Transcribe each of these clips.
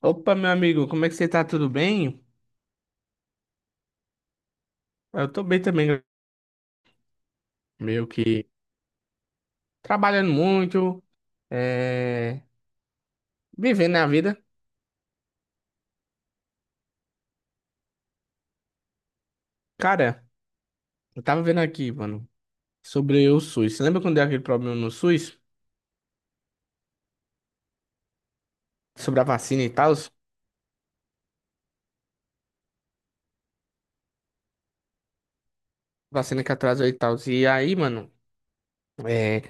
Opa, meu amigo, como é que você tá? Tudo bem? Eu tô bem também, meio que trabalhando muito, é... vivendo a vida. Cara, eu tava vendo aqui, mano, sobre o SUS. Você lembra quando deu aquele problema no SUS? Sobre a vacina e tal? Vacina que atrasou e tal. E aí, mano, é...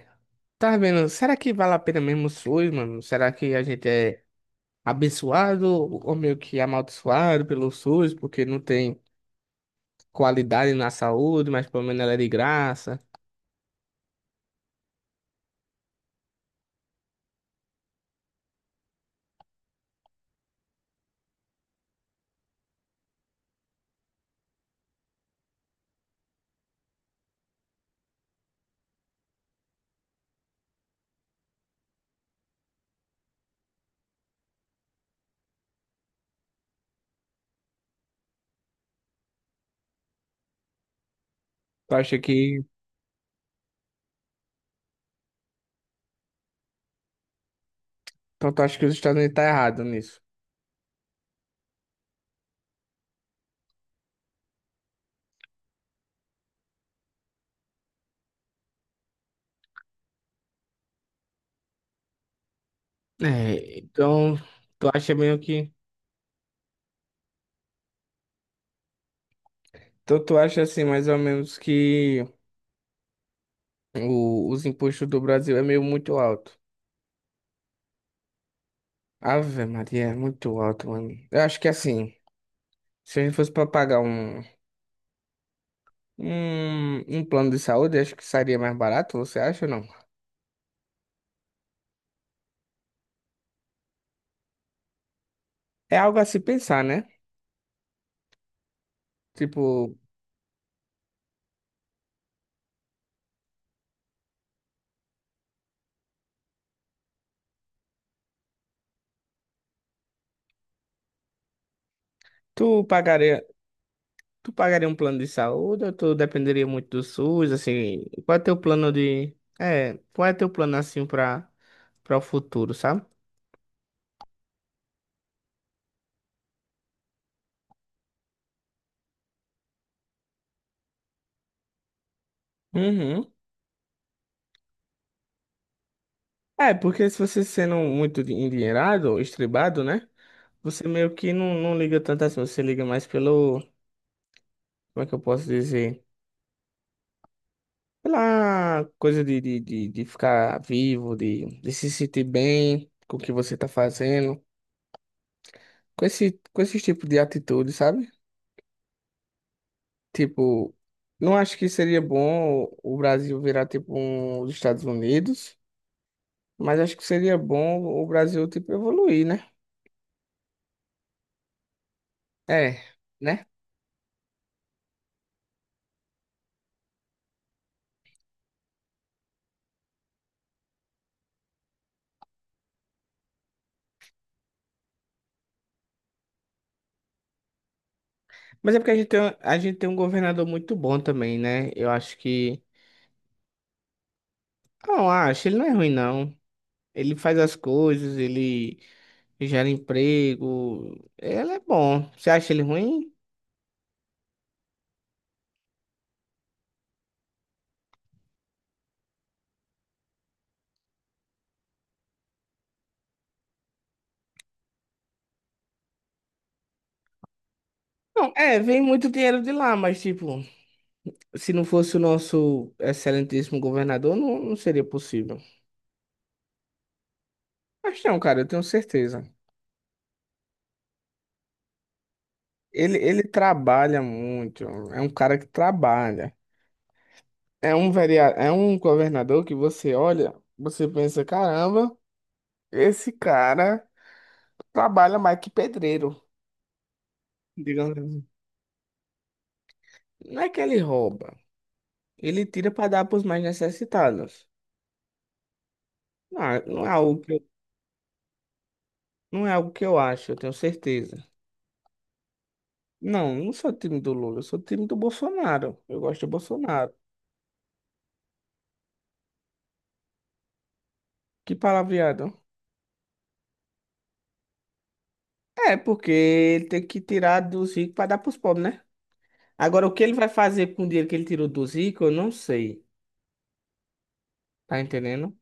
tava vendo, será que vale a pena mesmo o SUS, mano? Será que a gente é abençoado ou meio que amaldiçoado pelo SUS porque não tem qualidade na saúde, mas pelo menos ela é de graça? Tu acha que Então tu acha que os Estados Unidos tá errado nisso? É, então, tu acha meio que. Então tu acha assim, mais ou menos, que os impostos do Brasil é meio muito alto. Ave Maria, é muito alto, mano. Eu acho que assim, se a gente fosse pra pagar um plano de saúde, acho que sairia mais barato, você acha ou não? É algo a se pensar, né? Tipo, tu pagaria. Tu pagaria um plano de saúde ou tu dependeria muito do SUS, assim, qual é teu plano de... É, qual é teu plano, assim, pra o futuro, sabe? Uhum. É, porque se você sendo muito endinheirado, estribado, né? Você meio que não liga tanto assim, você liga mais pelo... Como é que eu posso dizer? Pela coisa de ficar vivo, de se sentir bem com o que você tá fazendo. Com esse tipo de atitude, sabe? Tipo, não acho que seria bom o Brasil virar tipo os Estados Unidos, mas acho que seria bom o Brasil tipo evoluir, né? É, né? Mas é porque a gente tem um governador muito bom também, né? Eu acho que. Não, acho, ele não é ruim, não. Ele faz as coisas, ele gera emprego. Ele é bom. Você acha ele ruim? Não, é, vem muito dinheiro de lá, mas tipo, se não fosse o nosso excelentíssimo governador, não seria possível. Mas não, cara, eu tenho certeza. Ele trabalha muito, é um cara que trabalha. É um vereador, é um governador que você olha, você pensa, caramba, esse cara trabalha mais que pedreiro, digamos assim. Não é que ele rouba, ele tira para dar para os mais necessitados. Não, não é algo que eu acho, eu tenho certeza. Não, não sou time do Lula, eu sou time do Bolsonaro. Eu gosto do Bolsonaro. Que palavreado. É, porque ele tem que tirar dos ricos para dar pros pobres, né? Agora, o que ele vai fazer com o dinheiro que ele tirou dos ricos, eu não sei. Tá entendendo?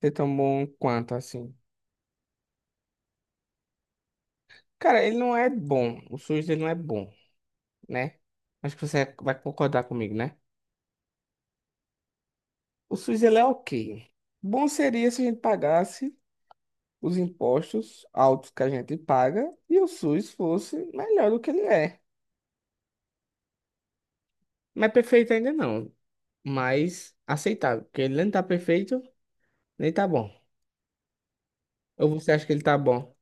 Ser tão bom quanto assim. Cara, ele não é bom. O SUS dele não é bom, né? Acho que você vai concordar comigo, né? O SUS ele é ok. Bom seria se a gente pagasse os impostos altos que a gente paga e o SUS fosse melhor do que ele é. Não é perfeito ainda não, mas aceitável, porque ele nem tá perfeito, nem tá bom. Ou você acha que ele tá bom?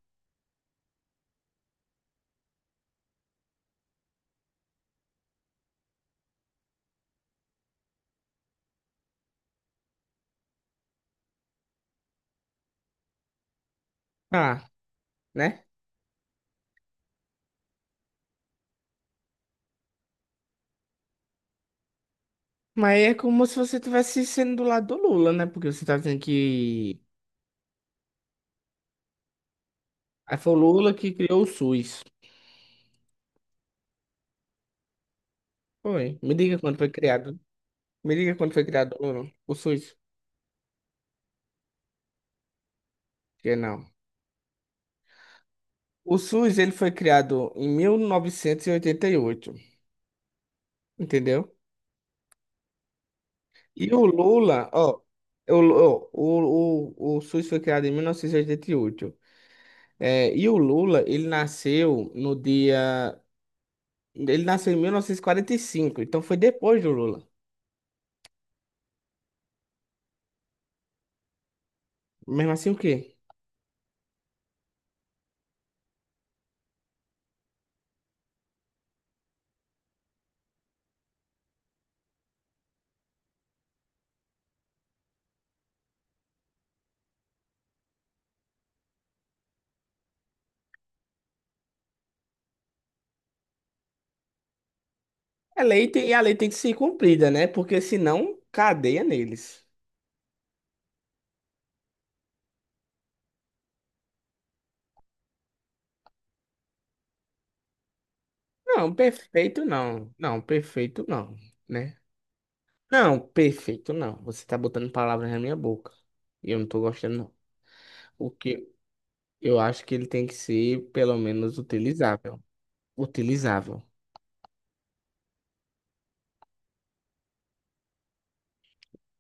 Ah, né? Mas é como se você estivesse sendo do lado do Lula, né? Porque você tá dizendo que. Aí foi o Lula que criou o SUS. Foi. Me diga quando foi criado. Me diga quando foi criado o Lula. O SUS. Que não. O SUS, ele foi criado em mil novecentos e oitenta e oito. Entendeu? E o Lula, ó. O SUS foi criado em 1988. É, e o Lula, ele nasceu no dia. Ele nasceu em mil novecentos e quarenta e cinco. Então foi depois do Lula. Mesmo assim, o quê? É lei e a lei tem que ser cumprida, né? Porque senão, cadeia neles. Não, perfeito não. Não, perfeito não, né? Não, perfeito não. Você tá botando palavras na minha boca. E eu não tô gostando, não. O que eu acho que ele tem que ser, pelo menos, utilizável. Utilizável.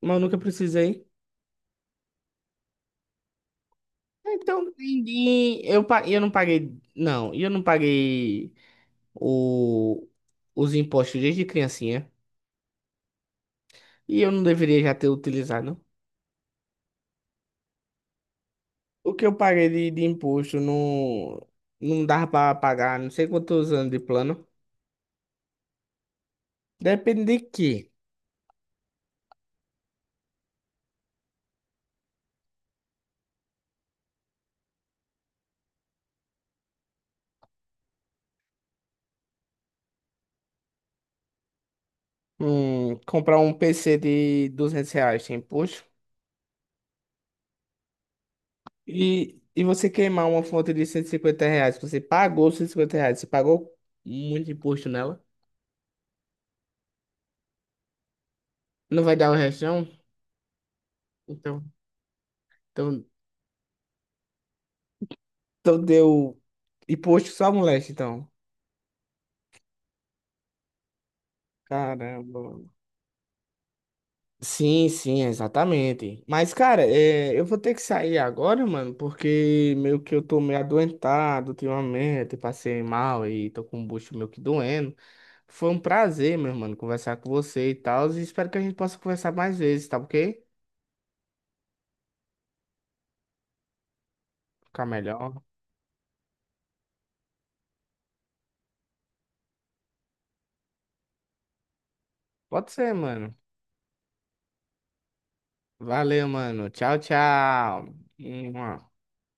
Mas eu nunca precisei. Então, ninguém. Eu não paguei. Não, eu não paguei o, os impostos desde criancinha. E eu não deveria já ter utilizado. O que eu paguei de imposto não dava para pagar, não sei quantos anos de plano. Depende de quê? Comprar um PC de R$ 200 tem imposto. E você queimar uma fonte de R$ 150, você pagou R$ 150, você pagou muito imposto nela. Não vai dar o resto, não? Então, então, então deu imposto só moleque, então. Caramba. Sim, sim, exatamente. Mas, cara, eu vou ter que sair agora, mano, porque meio que eu tô meio adoentado ultimamente, passei mal e tô com o bucho meio que doendo. Foi um prazer, meu mano, conversar com você e tal, e espero que a gente possa conversar mais vezes, tá ok? Ficar melhor. Pode ser, mano. Valeu, mano. Tchau, tchau. Mua.